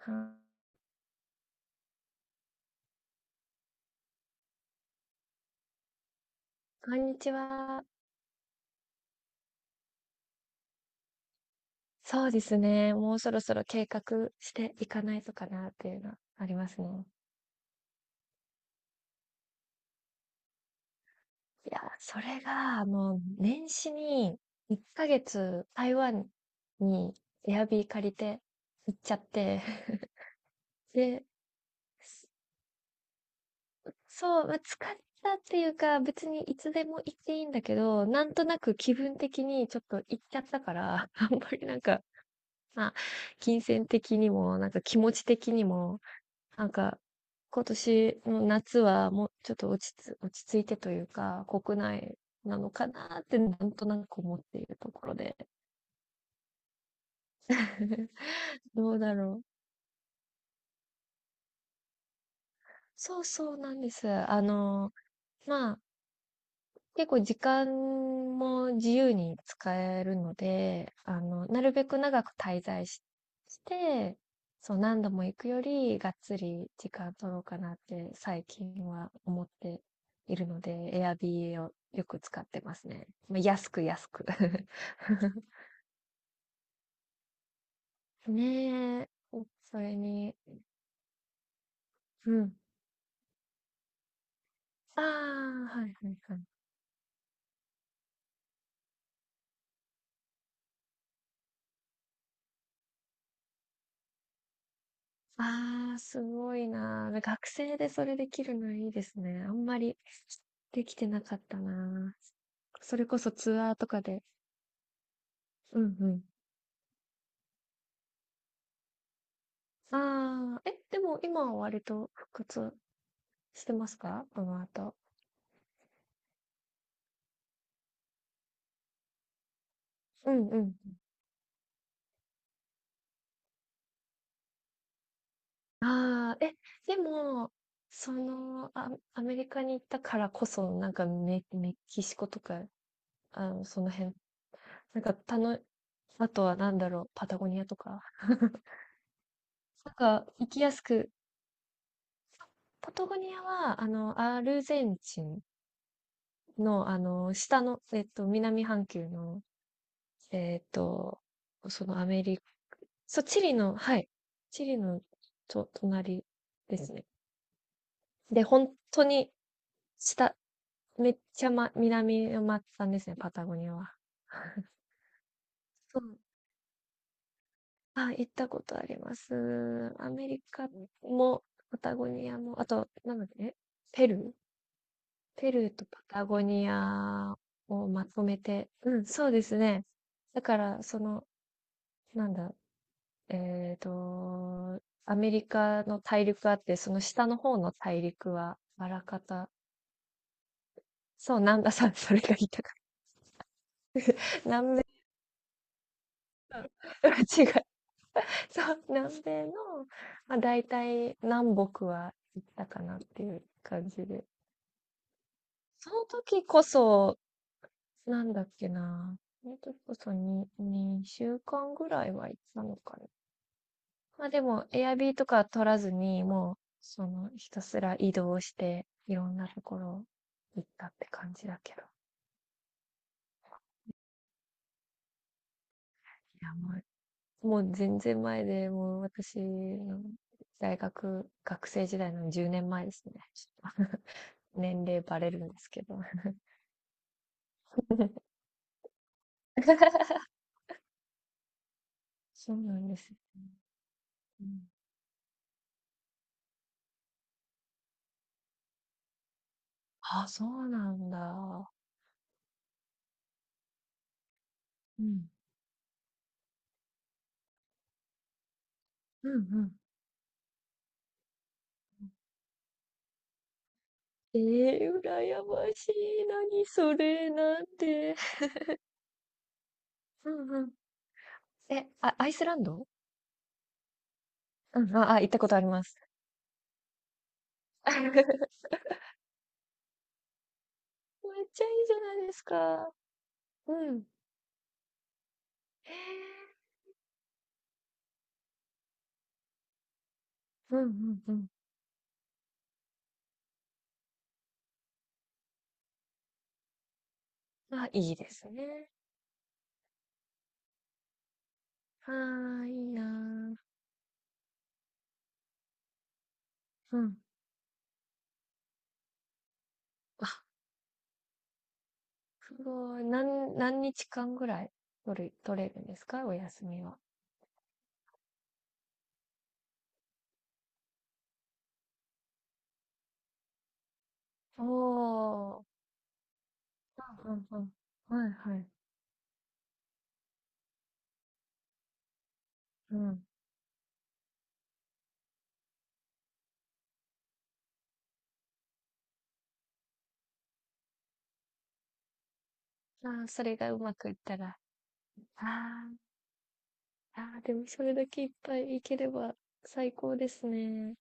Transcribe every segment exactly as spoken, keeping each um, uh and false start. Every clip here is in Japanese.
はこんにちは。そうですね。もうそろそろ計画していかないとかなっていうのはありますね。いや、それが、もう年始にいっかげつ台湾にエアビー借りて行っちゃって で、すそう、まあ、疲れたっていうか、別にいつでも行っていいんだけど、なんとなく気分的にちょっと行っちゃったから、あんまりなんか、まあ、金銭的にも、なんか気持ち的にも、なんか、今年の夏はもうちょっと落ちつ、落ち着いてというか、国内なのかなってなんとなく思っているところで。どうだろう。そうそうなんです。あの、まあ、結構時間も自由に使えるので、あの、なるべく長く滞在し、して、そう、何度も行くより、がっつり時間取ろうかなって最近は思っているので、Airbnb をよく使ってますね。まあ、安く安く ねえ、それに、うん。ああ、はいはいはい。ああ、すごいなー。学生でそれできるのいいですね。あんまりできてなかったなー。それこそツアーとかで。うんうん。ああ、え、でも今は割と復活してますか、この後。うんうん。ああ、え、でも、その、あ、アメリカに行ったからこそ、なんかメ、メキシコとか、あの、その辺、なんか、たの、あとはなんだろう、パタゴニアとか、なんか、行きやすく。パタゴニアは、あの、アルゼンチンの、あの、下の、えっと、南半球の、えっと、そのアメリカ、そう、チリの、はい、チリのと、隣ですね。で、本当に下、めっちゃ、ま、南の松たんですね、パタゴニアは。そう。あ、行ったことあります。アメリカも、パタゴニアも、あと、なんだっけ、ペルーペルーとパタゴニアをまとめて、うん、そうですね。だから、その、なんだ、えっと、アメリカの大陸あって、その下の方の大陸は、あらかた、そう、南んさん、それが言いたかった。南米、違う。そう、南米の、まあ、大体南北は行ったかなっていう感じで。その時こそ、なんだっけな。その時こそにに週間ぐらいは行ったのか。まあ、でも、エアビーとか取らずに、もう、その、ひたすら移動して、いろんなところ行ったって感じだけど。いや、もう、もう全然前で、もう私の大学、学生時代のじゅうねんまえですね。ちょっと年齢バレるんですけど。そうなんですよね。うん。あ、そうなんだ。うん。うんうん。えー羨ましい。何それ、なんて。うん。え、あ、アイスランド。うん、あ、あ、行ったことあります。めっちゃいいじゃないですか。うん。へえ。うんうんうん。あ、いいですね。はあ、いいなー。うん。あ、すごい。何、何日間ぐらい取る、取れるんですか、お休みは。おー。うんうんうん。はいはい。うん。あー、それがうまくいったら。あー、あー、でもそれだけいっぱい行ければ最高ですね。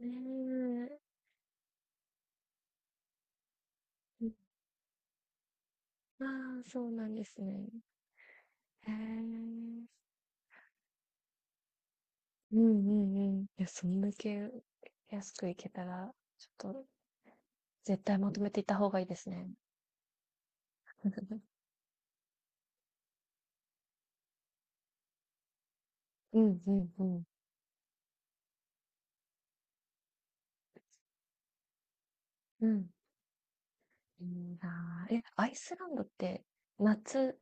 ねえ。ああ、そうなんですね。へえ。うんうんうん。いや、そんだけ安く行けたら、ちょっと絶対まとめていった方がいいですね。うんうんうん。うん。いいなあ。え、アイスランドって夏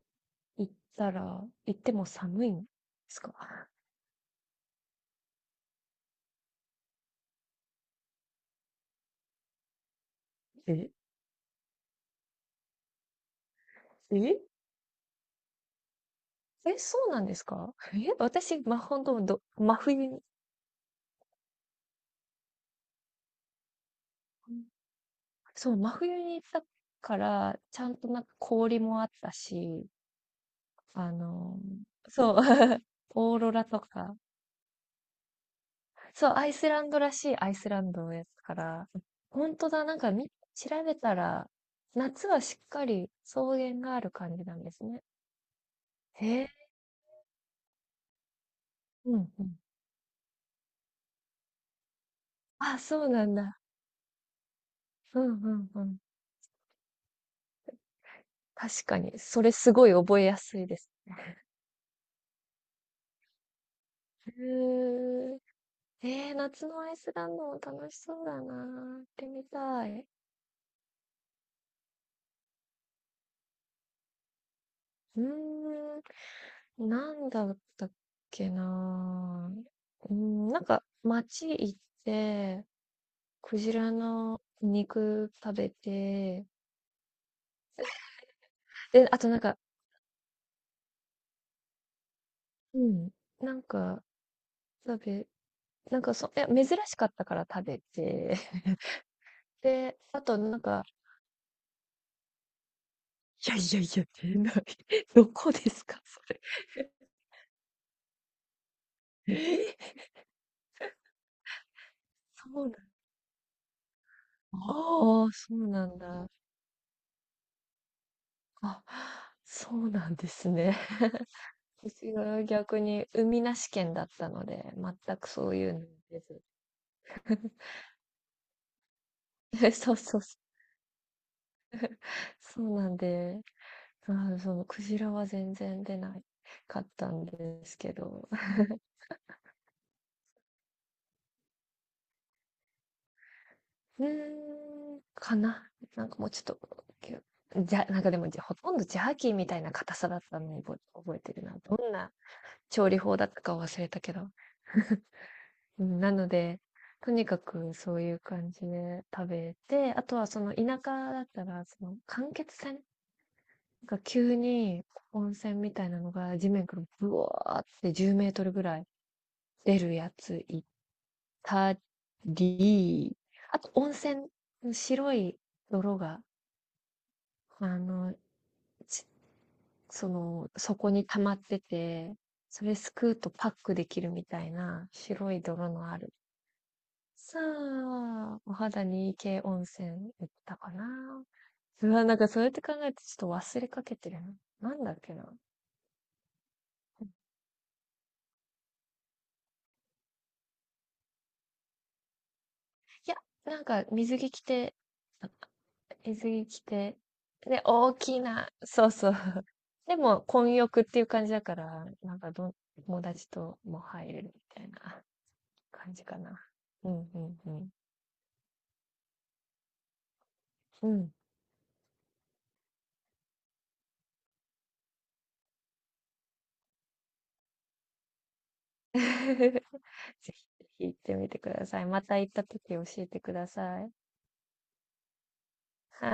行ったら、行っても寒いんですか？え、え、え、そうなんですか？え、私、ま、本当ど、真冬に、そう、真冬に行ったから、ちゃんとなんか氷もあったし、あの、そう、オーロラとか。そう、アイスランドらしいアイスランドのやつから、本当だ、なんかみ、調べたら、夏はしっかり草原がある感じなんですね。へえ、うんうん。あ、そうなんだ。うんうんうん。確かに、それすごい覚えやすいです。へえ、えー、夏のアイスランドも楽しそうだな。行ってみたい。うーん。なんだったっけなぁ。うん、なんか街行って、クジラの肉食べて、で、あとなんか、うん、なんか食べ、なんかそ、いや、珍しかったから食べて、で、あとなんか、いやいやいや、出ない。どこですか、それ。え そうなん、ああ、そうなんだ。あ、そうなんですね。私は逆に海なし県だったので、全くそういうの出ず。え、そうそうそう。そうなんで、あーそのクジラは全然出ないかったんですけど、うーん、かな。なんかもうちょっと、きゅじゃ、なんかでもじゃほとんどジャーキーみたいな硬さだったのを覚え覚えてるな。どんな調理法だったか忘れたけど。うん、なので、とにかくそういう感じで食べて、あとはその田舎だったら、その間欠なんか急に温泉みたいなのが地面からブワーってじゅうメートルぐらい出るやついたり、あと温泉の白い泥が、あの、ちその、底に溜まってて、それすくうとパックできるみたいな白い泥のある。さあ、お肌にいい系温泉行ったかな。うわ、なんかそうやって考えてちょっと忘れかけてるな。なんだっけな。いや、なんか水着着て、水着着て、で、大きな、そうそう。でも、混浴っていう感じだから、なんかどん、友達とも入れるみたいな感じかな。うんうんうん。うん。ぜひぜひ行ってみてください。また行った時教えてください。はい。